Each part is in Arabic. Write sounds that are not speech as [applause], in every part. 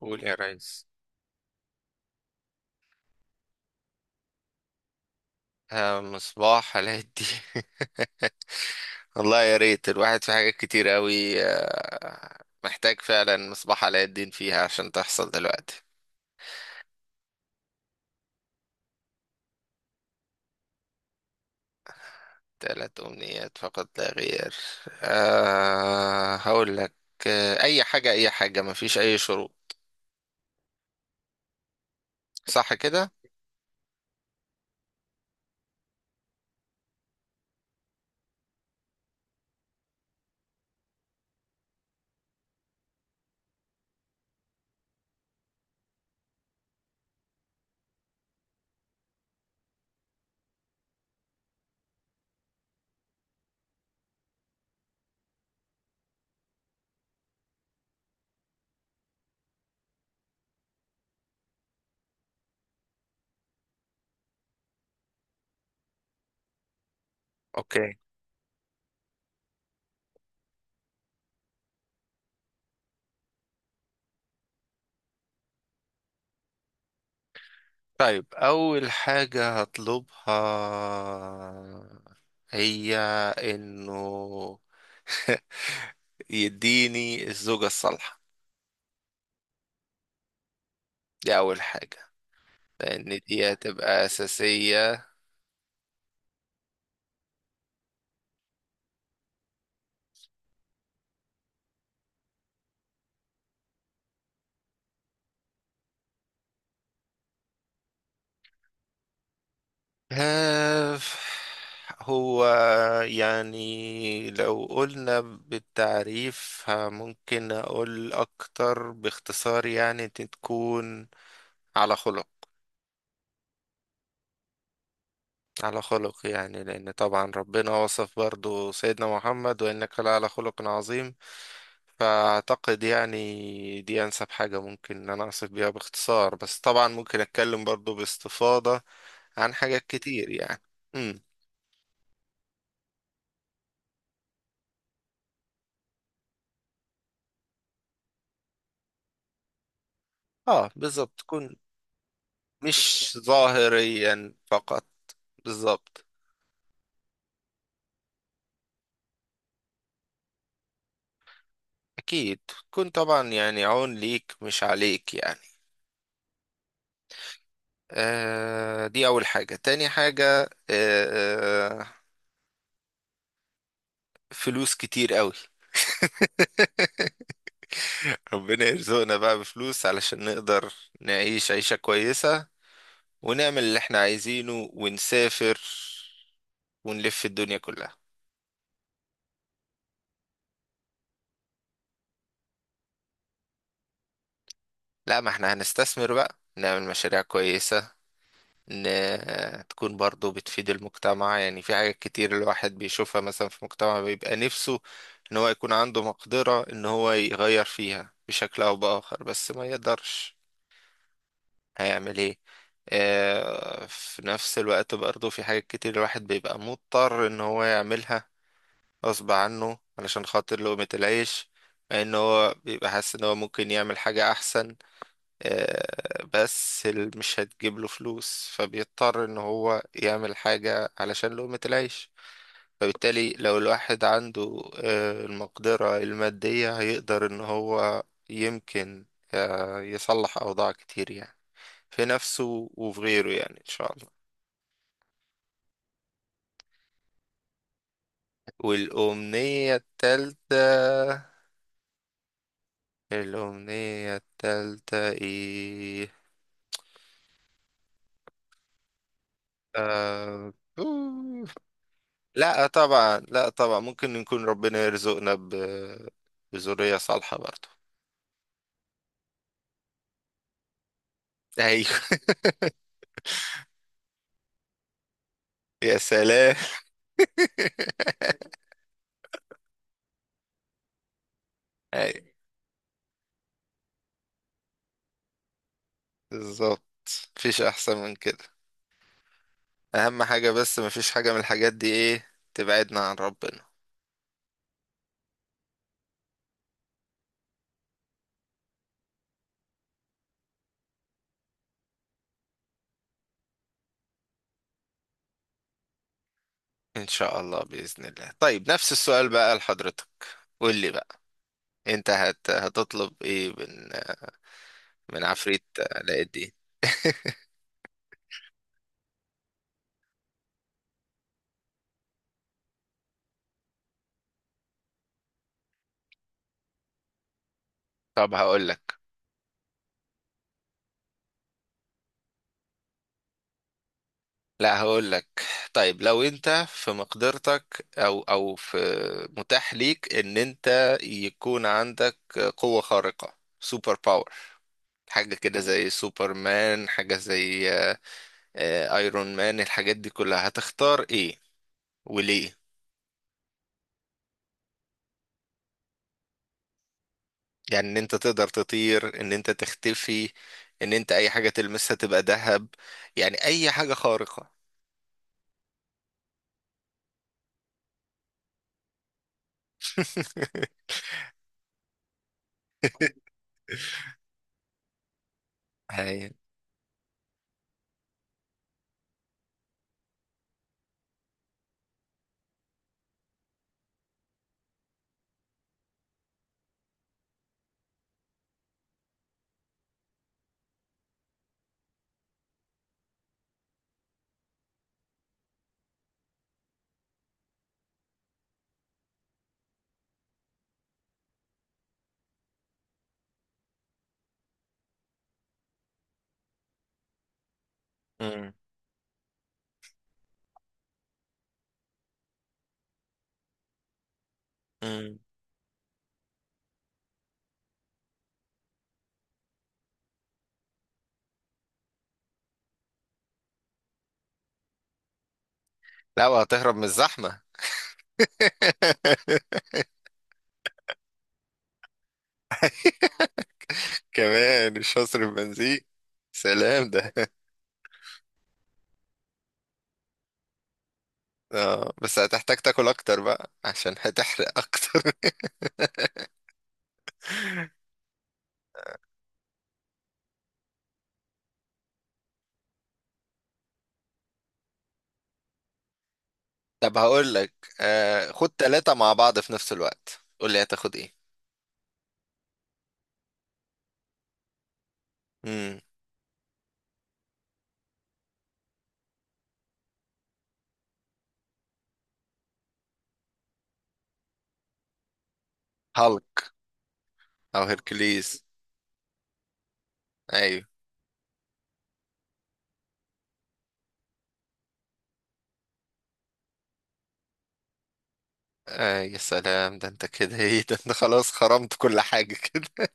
قول يا ريس. آه، مصباح علاء الدين. [laughs] والله يا ريت الواحد في حاجات كتير قوي، محتاج فعلا مصباح علاء الدين فيها عشان تحصل دلوقتي. 3 أمنيات فقط لا غير. أه، هقول لك. آه، أي حاجة، أي حاجة، مفيش أي شروط. صح كده؟ أوكي. طيب أول حاجة هطلبها هي إنه... [laughs] يديني الزوجة الصالحة. دي أول حاجة. لأن دي هتبقى أساسية. آه، هو يعني لو قلنا بالتعريف ممكن أقول أكتر باختصار، يعني تكون على خلق. على خلق، يعني لأن طبعا ربنا وصف برضو سيدنا محمد: وإنك لعلى خلق عظيم. فأعتقد يعني دي أنسب حاجة ممكن إن أنا أوصف بيها باختصار، بس طبعا ممكن أتكلم برضو باستفاضة عن حاجات كتير يعني. اه، بالظبط، تكون مش ظاهريا فقط. بالظبط. اكيد. تكون طبعا يعني عون ليك مش عليك يعني. آه، دي اول حاجة. تاني حاجة فلوس كتير قوي. [laughs] ربنا يرزقنا بقى بفلوس علشان نقدر نعيش عيشة كويسة، ونعمل اللي احنا عايزينه، ونسافر، ونلف الدنيا كلها. لا، ما احنا هنستثمر بقى، نعمل مشاريع كويسة. ان تكون برضو بتفيد المجتمع، يعني في حاجات كتير الواحد بيشوفها مثلا في مجتمع، بيبقى نفسه ان هو يكون عنده مقدرة ان هو يغير فيها بشكل او باخر بس ما يقدرش. هيعمل ايه؟ في نفس الوقت برضو في حاجات كتير الواحد بيبقى مضطر ان هو يعملها غصب عنه علشان خاطر لقمة العيش، مع ان هو بيبقى حاسس ان هو ممكن يعمل حاجة احسن، بس مش هتجيب له فلوس، فبيضطر ان هو يعمل حاجة علشان لقمة العيش. فبالتالي لو الواحد عنده المقدرة المادية، هيقدر ان هو يمكن يصلح اوضاع كتير، يعني في نفسه وفي غيره، يعني ان شاء الله. والأمنية التالتة. الأمنية التالتة ايه؟ آه... [laughs] لا طبعا، لا طبعا، ممكن نكون ربنا يرزقنا بذرية صالحة برضو. ايوه. [laughs] يا سلام. [laughs] ايوه، بالظبط. مفيش احسن من كده. اهم حاجة بس مفيش حاجة من الحاجات دي ايه تبعدنا عن ربنا. ان شاء الله، بإذن الله. طيب نفس السؤال بقى لحضرتك. قول لي بقى. انت هتطلب ايه من عفريت علاء الدين؟ طب هقول لك. لا، هقول لك. طيب لو انت في مقدرتك، او في متاح ليك ان انت يكون عندك قوة خارقة، سوبر باور، حاجة كده زي سوبر مان، حاجة زي ايرون مان، الحاجات دي كلها، هتختار ايه وليه؟ يعني ان انت تقدر تطير، ان انت تختفي، ان انت اي حاجة تلمسها تبقى ذهب، يعني اي حاجة خارقة. [laughs] هاي. مم. مم. لا، وهتهرب من الزحمة. [laughs] كمان مش هصرف بنزين. سلام ده. [laughs] اه، بس هتحتاج تاكل اكتر بقى عشان هتحرق اكتر. [laughs] طب هقول لك، خد ثلاثة مع بعض في نفس الوقت، قول لي هتاخد ايه. امم. هالك. او هيركليز. ايوه. آه يا سلام، ده انت كده ايه، ده انت خلاص خرمت كل حاجة كده.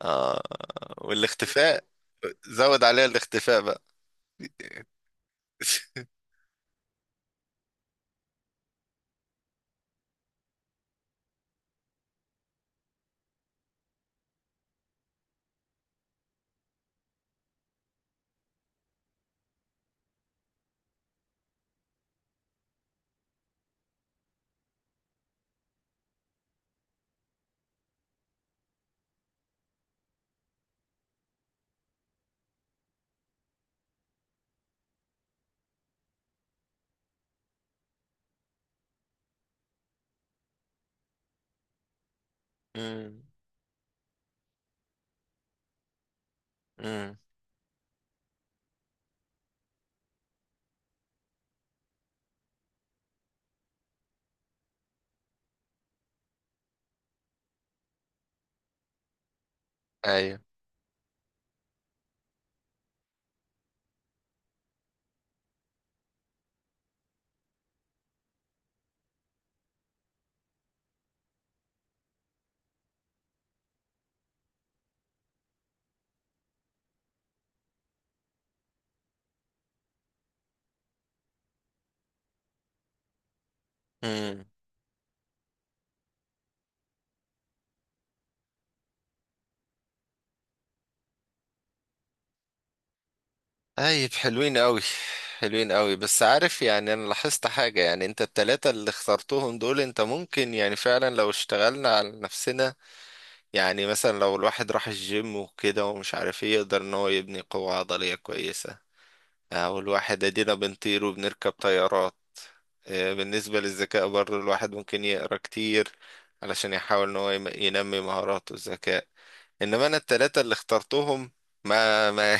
[laughs] اه، والاختفاء، زود عليها الاختفاء بقى. [laughs] امم. امم. ايوه. طيب حلوين قوي. حلوين قوي، بس عارف يعني انا لاحظت حاجة، يعني انت التلاتة اللي اخترتهم دول، انت ممكن يعني فعلا لو اشتغلنا على نفسنا. يعني مثلا لو الواحد راح الجيم وكده ومش عارف ايه، يقدر ان هو يبني قوة عضلية كويسة. او الواحد ادينا بنطير وبنركب طيارات. بالنسبة للذكاء برضه الواحد ممكن يقرا كتير علشان يحاول ان هو ينمي مهاراته، الذكاء. انما انا التلاتة اللي اخترتهم، ما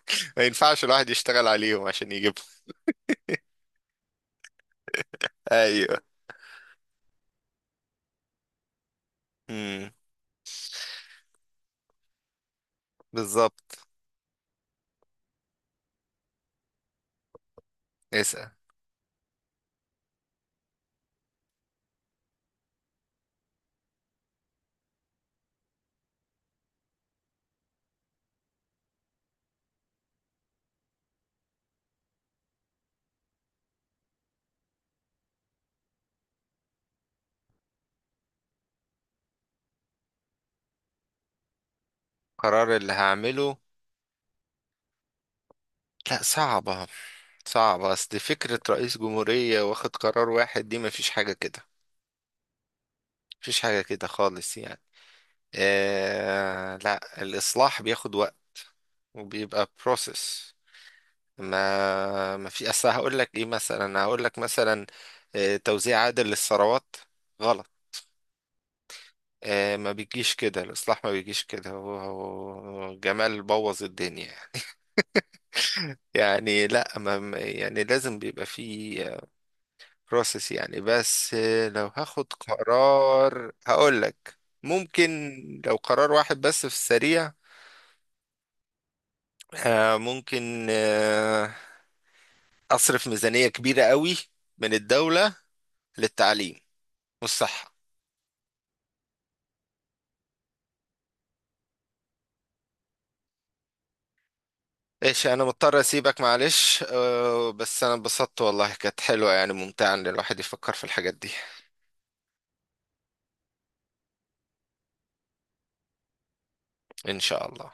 [laughs] ما ينفعش الواحد يشتغل عليهم عشان يجيبهم. ايوه. امم. بالظبط. اسأل. قرار اللي هعمله؟ لا، صعبة. صعبة، اصل فكرة رئيس جمهورية واخد قرار واحد دي مفيش حاجة كده. مفيش حاجة كده خالص يعني. آه لا، الإصلاح بياخد وقت، وبيبقى بروسيس. ما في اصل، هقول لك ايه مثلا، هقول لك مثلا توزيع عادل للثروات، غلط. آه، ما بيجيش كده الإصلاح، ما بيجيش كده. هو جمال بوظ الدنيا يعني. يعني لا، يعني لازم بيبقى فيه بروسيس يعني. بس لو هاخد قرار هقول لك. ممكن، لو قرار واحد بس في السريع، ممكن أصرف ميزانية كبيرة قوي من الدولة للتعليم والصحة. ايش، انا مضطر اسيبك معلش. بس انا انبسطت والله، كانت حلوة يعني، ممتعة ان الواحد يفكر في الحاجات دي. ان شاء الله.